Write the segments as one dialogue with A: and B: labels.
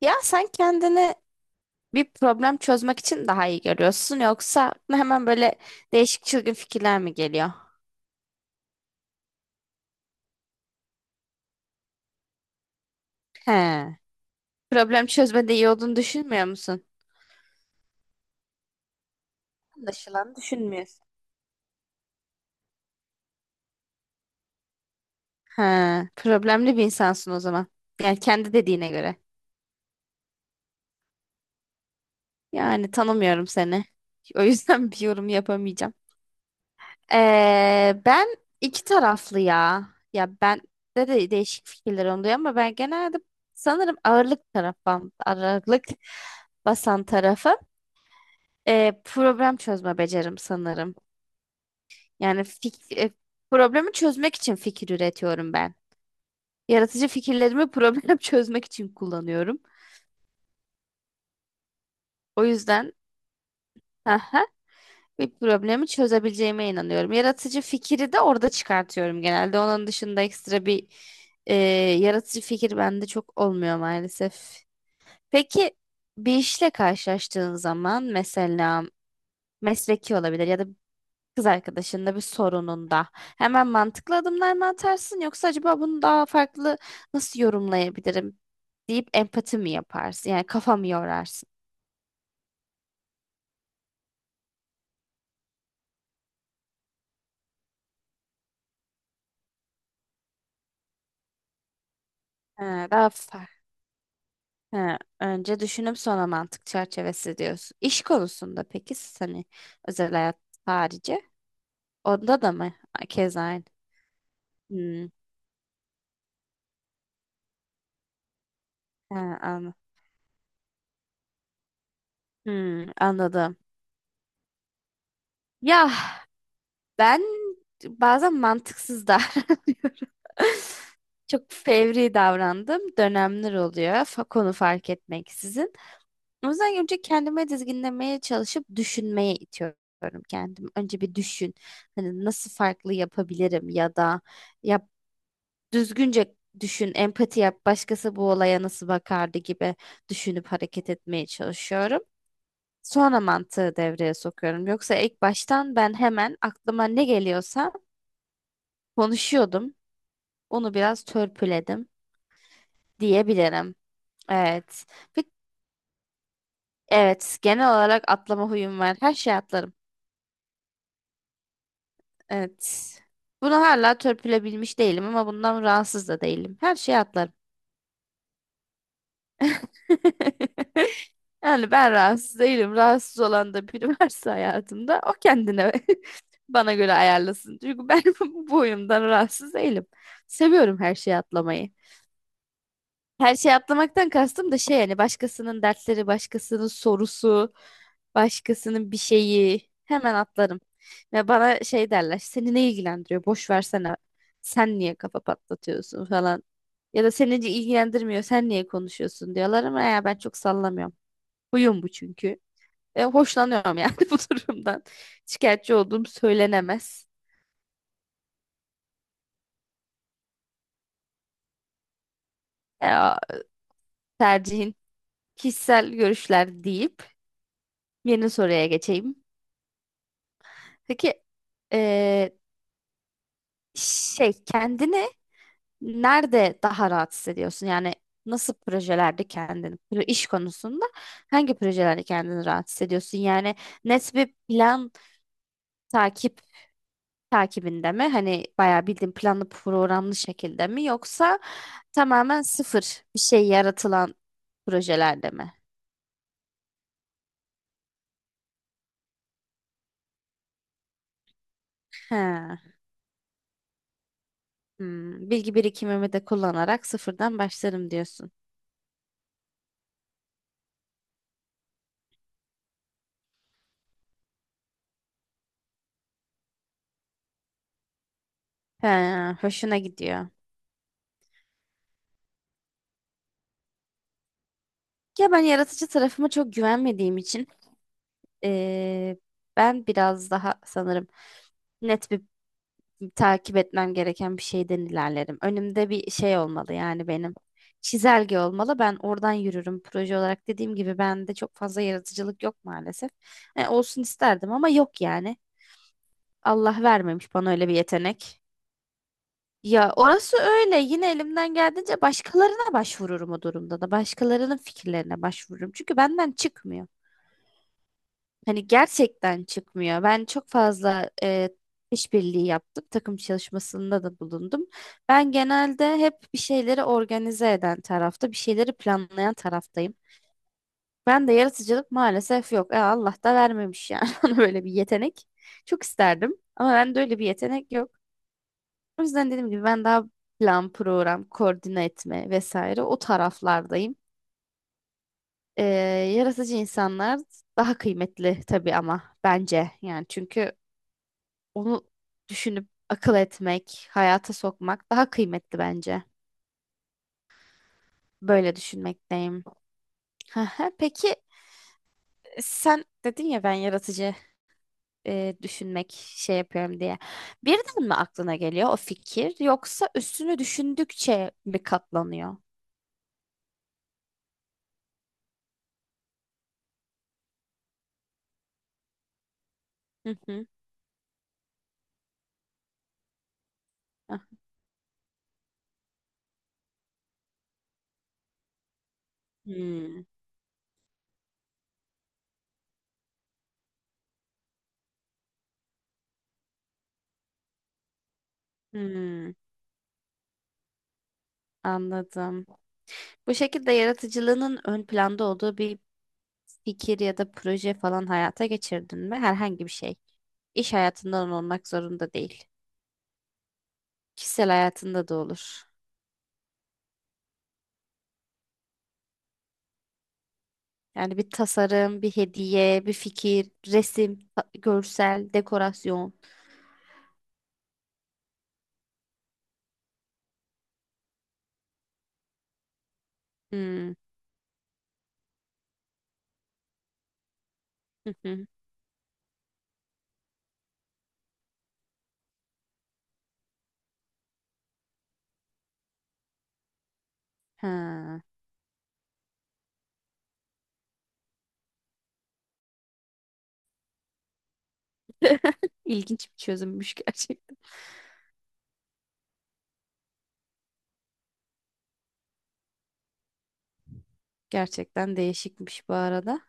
A: Ya sen kendini bir problem çözmek için daha iyi görüyorsun yoksa aklına hemen böyle değişik çılgın fikirler mi geliyor? He. Problem çözmede iyi olduğunu düşünmüyor musun? Anlaşılan düşünmüyorsun. He. Problemli bir insansın o zaman. Yani kendi dediğine göre. Yani tanımıyorum seni. O yüzden bir yorum yapamayacağım. Ben iki taraflı ya. Ya ben de değişik fikirler oluyor ama ben genelde sanırım ağırlık tarafım, ağırlık basan tarafı. Problem çözme becerim sanırım. Yani problemi çözmek için fikir üretiyorum ben. Yaratıcı fikirlerimi problem çözmek için kullanıyorum. O yüzden bir problemi çözebileceğime inanıyorum. Yaratıcı fikri de orada çıkartıyorum genelde. Onun dışında ekstra bir e, yaratıcı fikir bende çok olmuyor maalesef. Peki bir işle karşılaştığın zaman mesela mesleki olabilir ya da kız arkadaşında bir sorununda hemen mantıklı adımlar mı atarsın yoksa acaba bunu daha farklı nasıl yorumlayabilirim deyip empati mi yaparsın? Yani kafa mı yorarsın? Ha, daha farklı. He, önce düşünüp sonra mantık çerçevesi diyorsun. İş konusunda peki siz hani özel hayat harici onda da mı keza aynı? Hmm, he, anla- Hmm, anladım. Ya ben bazen mantıksız davranıyorum. Çok fevri davrandım. Dönemler oluyor. Konu fark etmeksizin. O yüzden önce kendime dizginlemeye çalışıp düşünmeye itiyorum kendimi. Önce bir düşün. Hani nasıl farklı yapabilirim ya da yap düzgünce düşün, empati yap. Başkası bu olaya nasıl bakardı gibi düşünüp hareket etmeye çalışıyorum. Sonra mantığı devreye sokuyorum. Yoksa ilk baştan ben hemen aklıma ne geliyorsa konuşuyordum. Onu biraz törpüledim diyebilirim. Evet. Ve- Evet, genel olarak atlama huyum var. Her şey atlarım. Evet. Bunu hala törpülebilmiş değilim ama bundan rahatsız da değilim. Her şeyi atlarım. Yani ben rahatsız değilim. Rahatsız olan da biri varsa hayatımda o kendine bana göre ayarlasın. Çünkü ben bu boyumdan rahatsız değilim. Seviyorum her şeyi atlamayı. Her şeyi atlamaktan kastım da şey yani başkasının dertleri, başkasının sorusu, başkasının bir şeyi hemen atlarım. Ve bana şey derler seni ne ilgilendiriyor boş versene sen niye kafa patlatıyorsun falan. Ya da seni ilgilendirmiyor sen niye konuşuyorsun diyorlar ama ya ben çok sallamıyorum. Huyum bu çünkü. Hoşlanıyorum yani bu durumdan. Şikayetçi olduğum söylenemez. E, Tercihin kişisel görüşler deyip yeni soruya geçeyim. Peki e, şey kendini nerede daha rahat hissediyorsun? Yani nasıl projelerde kendini, iş konusunda hangi projelerde kendini rahat hissediyorsun? Yani net bir plan takip takibinde mi? Hani bayağı bildiğin planlı programlı şekilde mi yoksa tamamen sıfır bir şey yaratılan projelerde mi? He. Hmm, bilgi birikimimi de kullanarak sıfırdan başlarım diyorsun. He, hoşuna gidiyor. Ya ben yaratıcı tarafıma çok güvenmediğim için eee, ben biraz daha sanırım net bir takip etmem gereken bir şeyden ilerlerim. Önümde bir şey olmalı yani benim. Çizelge olmalı. Ben oradan yürürüm. Proje olarak dediğim gibi bende çok fazla yaratıcılık yok maalesef. Olsun isterdim ama yok yani. Allah vermemiş bana öyle bir yetenek. Ya orası öyle. Yine elimden geldiğince başkalarına başvururum o durumda da. Başkalarının fikirlerine başvururum. Çünkü benden çıkmıyor. Hani gerçekten çıkmıyor. Ben çok fazla işbirliği yaptım. Takım çalışmasında da bulundum. Ben genelde hep bir şeyleri organize eden tarafta, bir şeyleri planlayan taraftayım. Ben de yaratıcılık maalesef yok. Allah da vermemiş yani ona böyle bir yetenek. Çok isterdim ama bende öyle bir yetenek yok. O yüzden dediğim gibi ben daha plan, program, koordine etme vesaire o taraflardayım. E, Yaratıcı insanlar daha kıymetli tabii ama bence yani çünkü onu düşünüp akıl etmek, hayata sokmak daha kıymetli bence. Böyle düşünmekteyim. Aha, peki sen dedin ya ben yaratıcı düşünmek şey yapıyorum diye. Birden mi aklına geliyor o fikir yoksa üstünü düşündükçe mi katlanıyor? Hı hı. Ah, hmm, hmm, anladım. Bu şekilde yaratıcılığının ön planda olduğu bir fikir ya da proje falan hayata geçirdin mi? Herhangi bir şey. İş hayatından olmak zorunda değil. Kişisel hayatında da olur. Yani bir tasarım, bir hediye, bir fikir, resim, görsel, dekorasyon. Hmm. Hı hı. Ha. İlginç bir çözümmüş gerçekten. Gerçekten değişikmiş bu arada.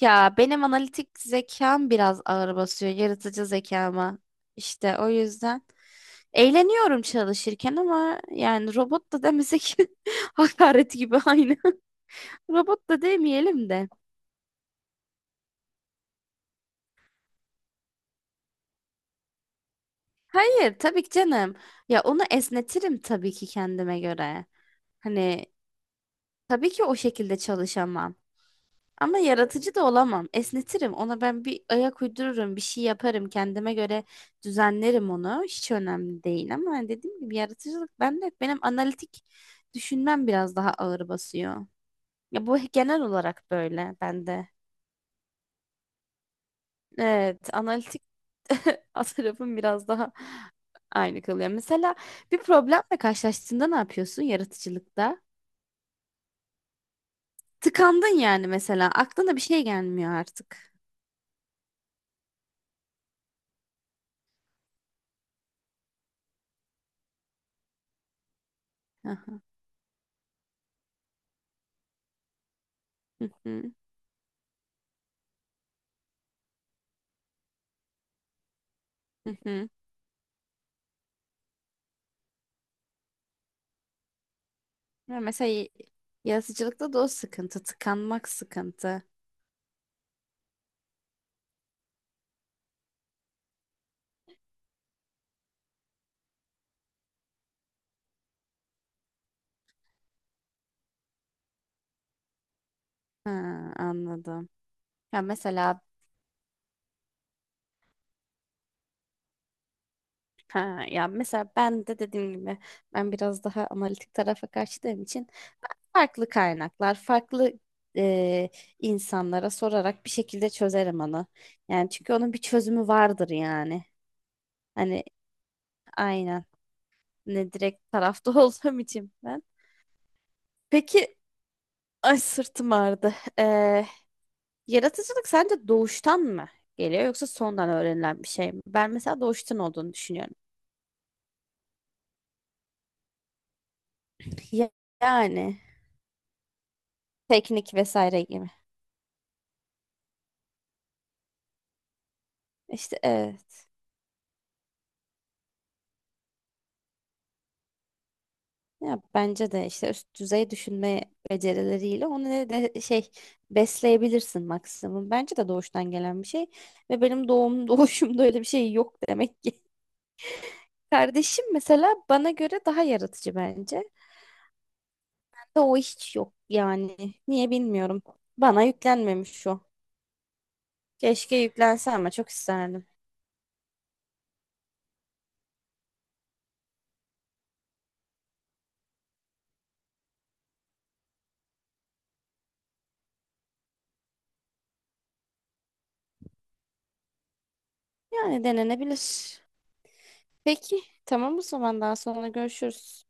A: Ya benim analitik zekam biraz ağır basıyor yaratıcı zekama. İşte o yüzden eğleniyorum çalışırken ama yani robot da demesek hakaret gibi aynı. Robot da demeyelim de. Hayır tabii ki canım. Ya onu esnetirim tabii ki kendime göre. Hani tabii ki o şekilde çalışamam. Ama yaratıcı da olamam. Esnetirim. Ona ben bir ayak uydururum, bir şey yaparım. Kendime göre düzenlerim onu. Hiç önemli değil ama hani dediğim gibi yaratıcılık bende yok. Benim analitik düşünmem biraz daha ağır basıyor. Ya bu genel olarak böyle bende. Evet, analitik tarafım biraz daha aynı kalıyor. Mesela bir problemle karşılaştığında ne yapıyorsun yaratıcılıkta? Tıkandın yani mesela. Aklına bir şey gelmiyor artık. Aha. Hı hı. Hı hı. Ya mesela yaratıcılıkta da o sıkıntı. Tıkanmak sıkıntı. Ha, anladım. Ya mesela ha, ya mesela ben de dediğim gibi ben biraz daha analitik tarafa kaçtığım için farklı kaynaklar, farklı e, insanlara sorarak bir şekilde çözerim onu. Yani çünkü onun bir çözümü vardır yani. Hani aynen. Ne direkt tarafta olduğum için ben. Peki, ay sırtım ağrıdı. Ee, Yaratıcılık sence doğuştan mı geliyor yoksa sondan öğrenilen bir şey mi? Ben mesela doğuştan olduğunu düşünüyorum. Ya- Yani teknik vesaire gibi. İşte evet. Ya bence de işte üst düzey düşünme becerileriyle onu ne de şey besleyebilirsin maksimum. Bence de doğuştan gelen bir şey ve benim doğum doğuşumda öyle bir şey yok demek ki. Kardeşim mesela bana göre daha yaratıcı bence. Bende o hiç yok yani. Niye bilmiyorum. Bana yüklenmemiş o. Keşke yüklense ama çok isterdim. Yani denenebilir. Peki tamam o zaman daha sonra görüşürüz.